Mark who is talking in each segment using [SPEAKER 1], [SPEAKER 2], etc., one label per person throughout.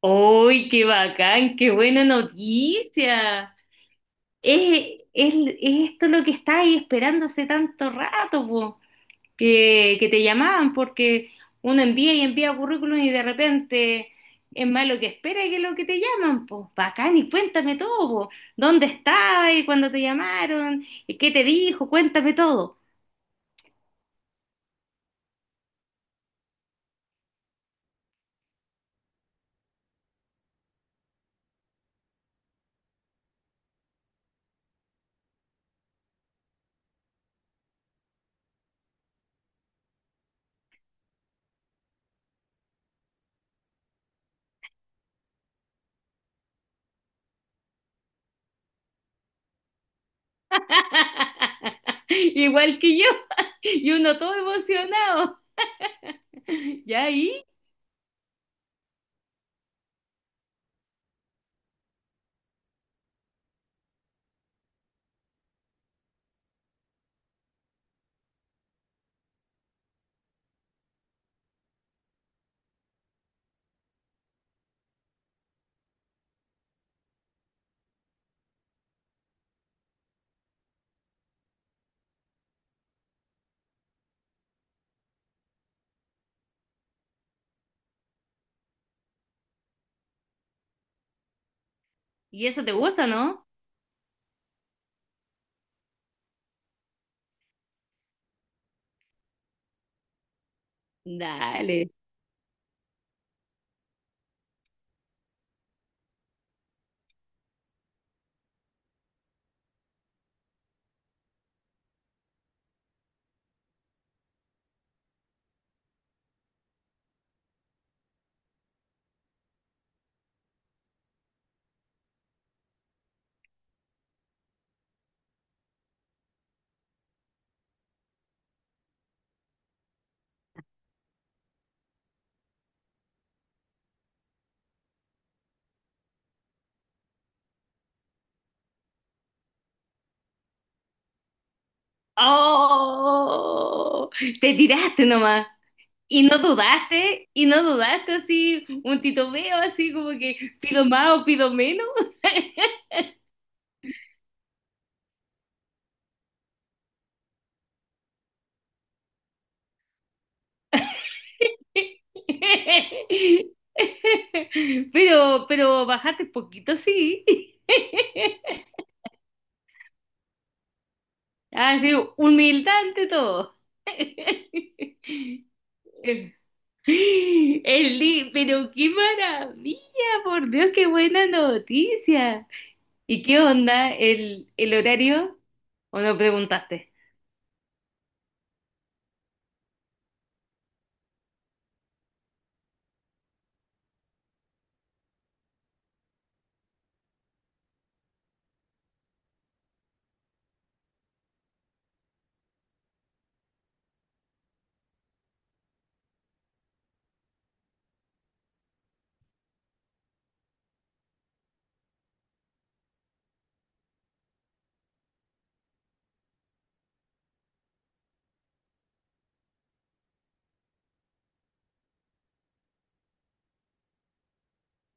[SPEAKER 1] ¡Uy, qué bacán! ¡Qué buena noticia! Es esto lo que estáis esperando hace tanto rato, po, que te llamaban, porque uno envía y envía currículum y de repente es más lo que espera que lo que te llaman, pues. Bacán, y cuéntame todo, po. ¿Dónde estabas cuando te llamaron? ¿Qué te dijo? Cuéntame todo. Igual que yo. Y uno todo emocionado. ¿Ya ahí? ¿Y eso te gusta, no? Dale. ¡Oh! Te tiraste nomás. Y no dudaste así, un titubeo así como que pido más o pido menos. Pero bajaste poquito, sí. Así, humildad ante todo. Eli, pero qué maravilla, por Dios, qué buena noticia. ¿Y qué onda el horario? ¿O no preguntaste?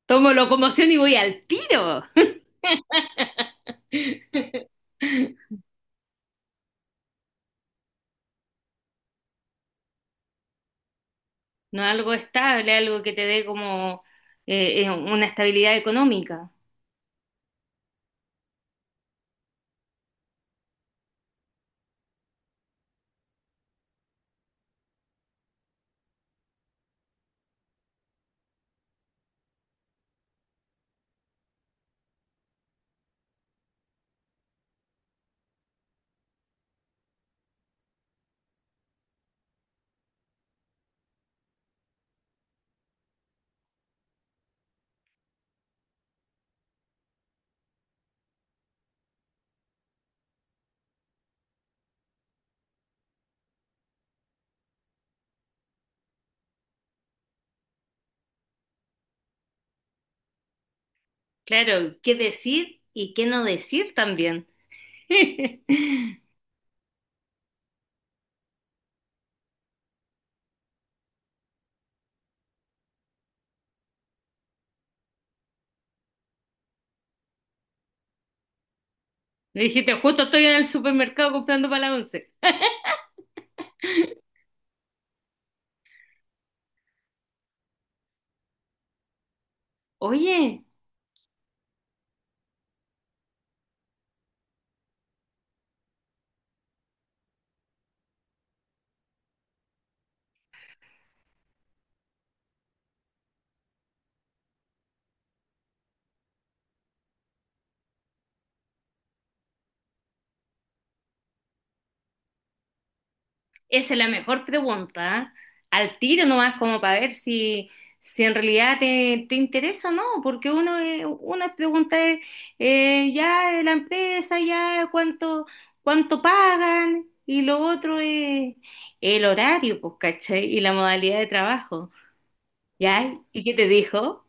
[SPEAKER 1] Tomo locomoción y voy al tiro. No algo estable, algo que te dé como una estabilidad económica. Claro, qué decir y qué no decir también. Me dijiste, justo estoy en el supermercado comprando para la once. Oye, esa es la mejor pregunta, ¿eh? Al tiro nomás como para ver si, si en realidad te, te interesa o no, porque uno, una pregunta es, ya la empresa, ya cuánto, cuánto pagan, y lo otro es el horario, pues, ¿cachai? Y la modalidad de trabajo, ¿ya? ¿Y qué te dijo?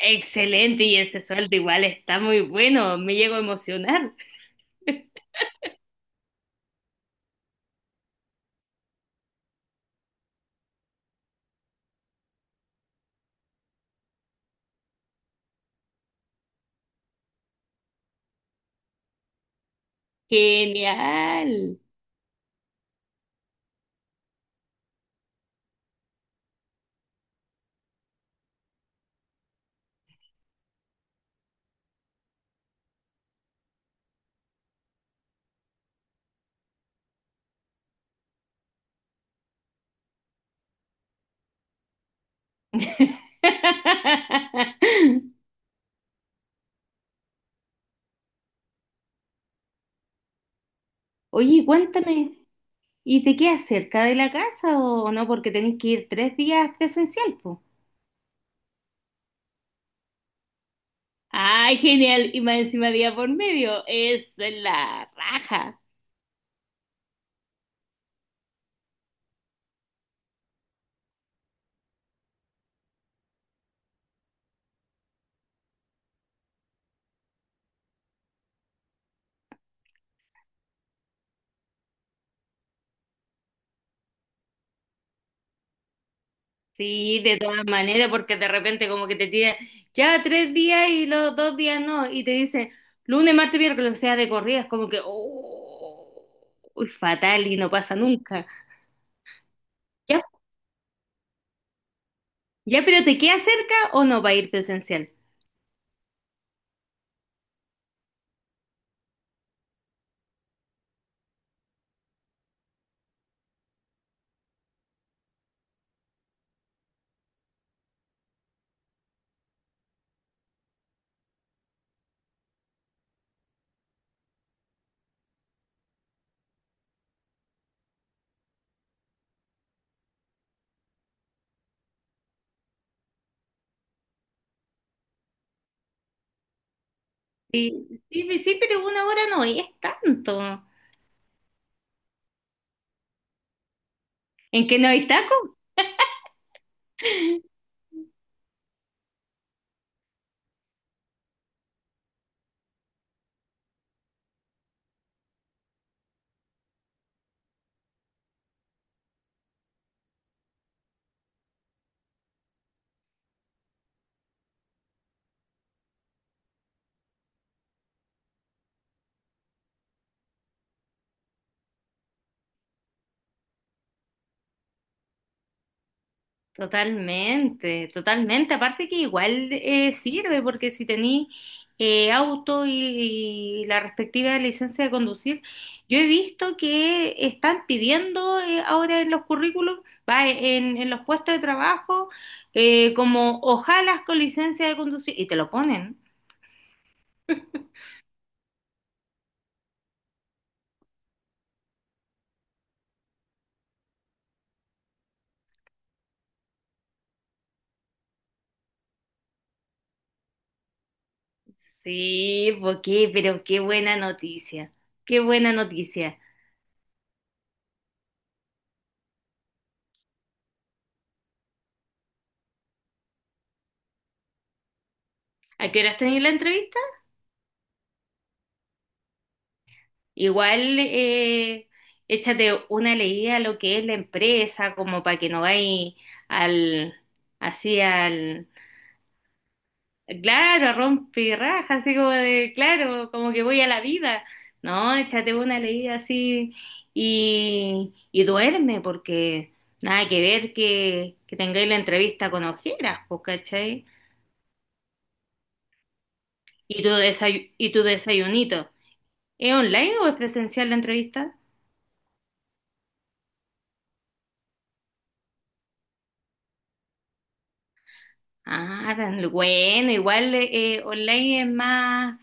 [SPEAKER 1] Excelente, y ese sueldo igual está muy bueno, me llego a emocionar. Genial. Oye, cuéntame. ¿Y te quedas cerca de la casa o no? Porque tenés que ir tres días presencial, pues. Ay, genial. Y más encima día por medio. Es la raja. Sí, de todas maneras, porque de repente como que te tiran ya tres días y los dos días no, y te dicen lunes, martes, miércoles, o sea, de corridas, como que, oh, uy, fatal y no pasa nunca. Ya, ya, pero ¿te queda cerca o no va a ir presencial? Sí, sí, sí, pero una hora no es tanto. ¿En qué no hay tacos? Totalmente, totalmente. Aparte que igual sirve, porque si tení auto y la respectiva licencia de conducir, yo he visto que están pidiendo ahora en los currículums, va, en los puestos de trabajo, como ojalas con licencia de conducir, y te lo ponen. Sí, porque, pero qué buena noticia, qué buena noticia. ¿A qué horas tenéis la entrevista? Igual échate una leída a lo que es la empresa, como para que no vayas al, así al, claro, a rompirraja, así como de, claro, como que voy a la vida. No, échate una leída así y duerme, porque nada que ver que tengáis la entrevista con ojeras, pues, ¿cachai? Y tu y tu desayunito. ¿Es online o es presencial la entrevista? Ah, tan bueno, igual online es más,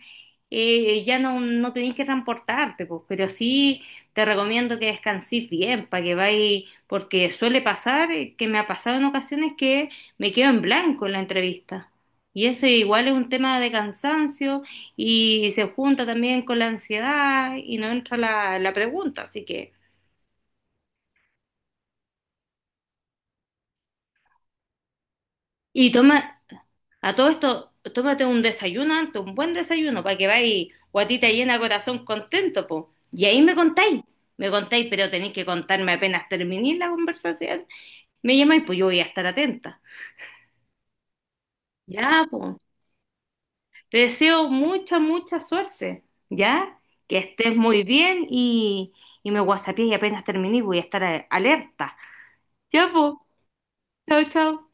[SPEAKER 1] ya no, no tenés que transportarte, pues, pero sí te recomiendo que descansís bien para que vayas, porque suele pasar, que me ha pasado en ocasiones que me quedo en blanco en la entrevista. Y eso igual es un tema de cansancio y se junta también con la ansiedad y no entra la, la pregunta, así que... Y toma, a todo esto, tómate un desayuno antes, un buen desayuno, para que vayas guatita llena, corazón contento, po. Y ahí me contáis, pero tenéis que contarme apenas terminéis la conversación. Me llamáis, pues yo voy a estar atenta. Ya, pues. Te deseo mucha, mucha suerte, ¿ya? Que estés muy bien y me whatsappeé y apenas terminé voy a estar alerta. Ya, pues. Chao, chao.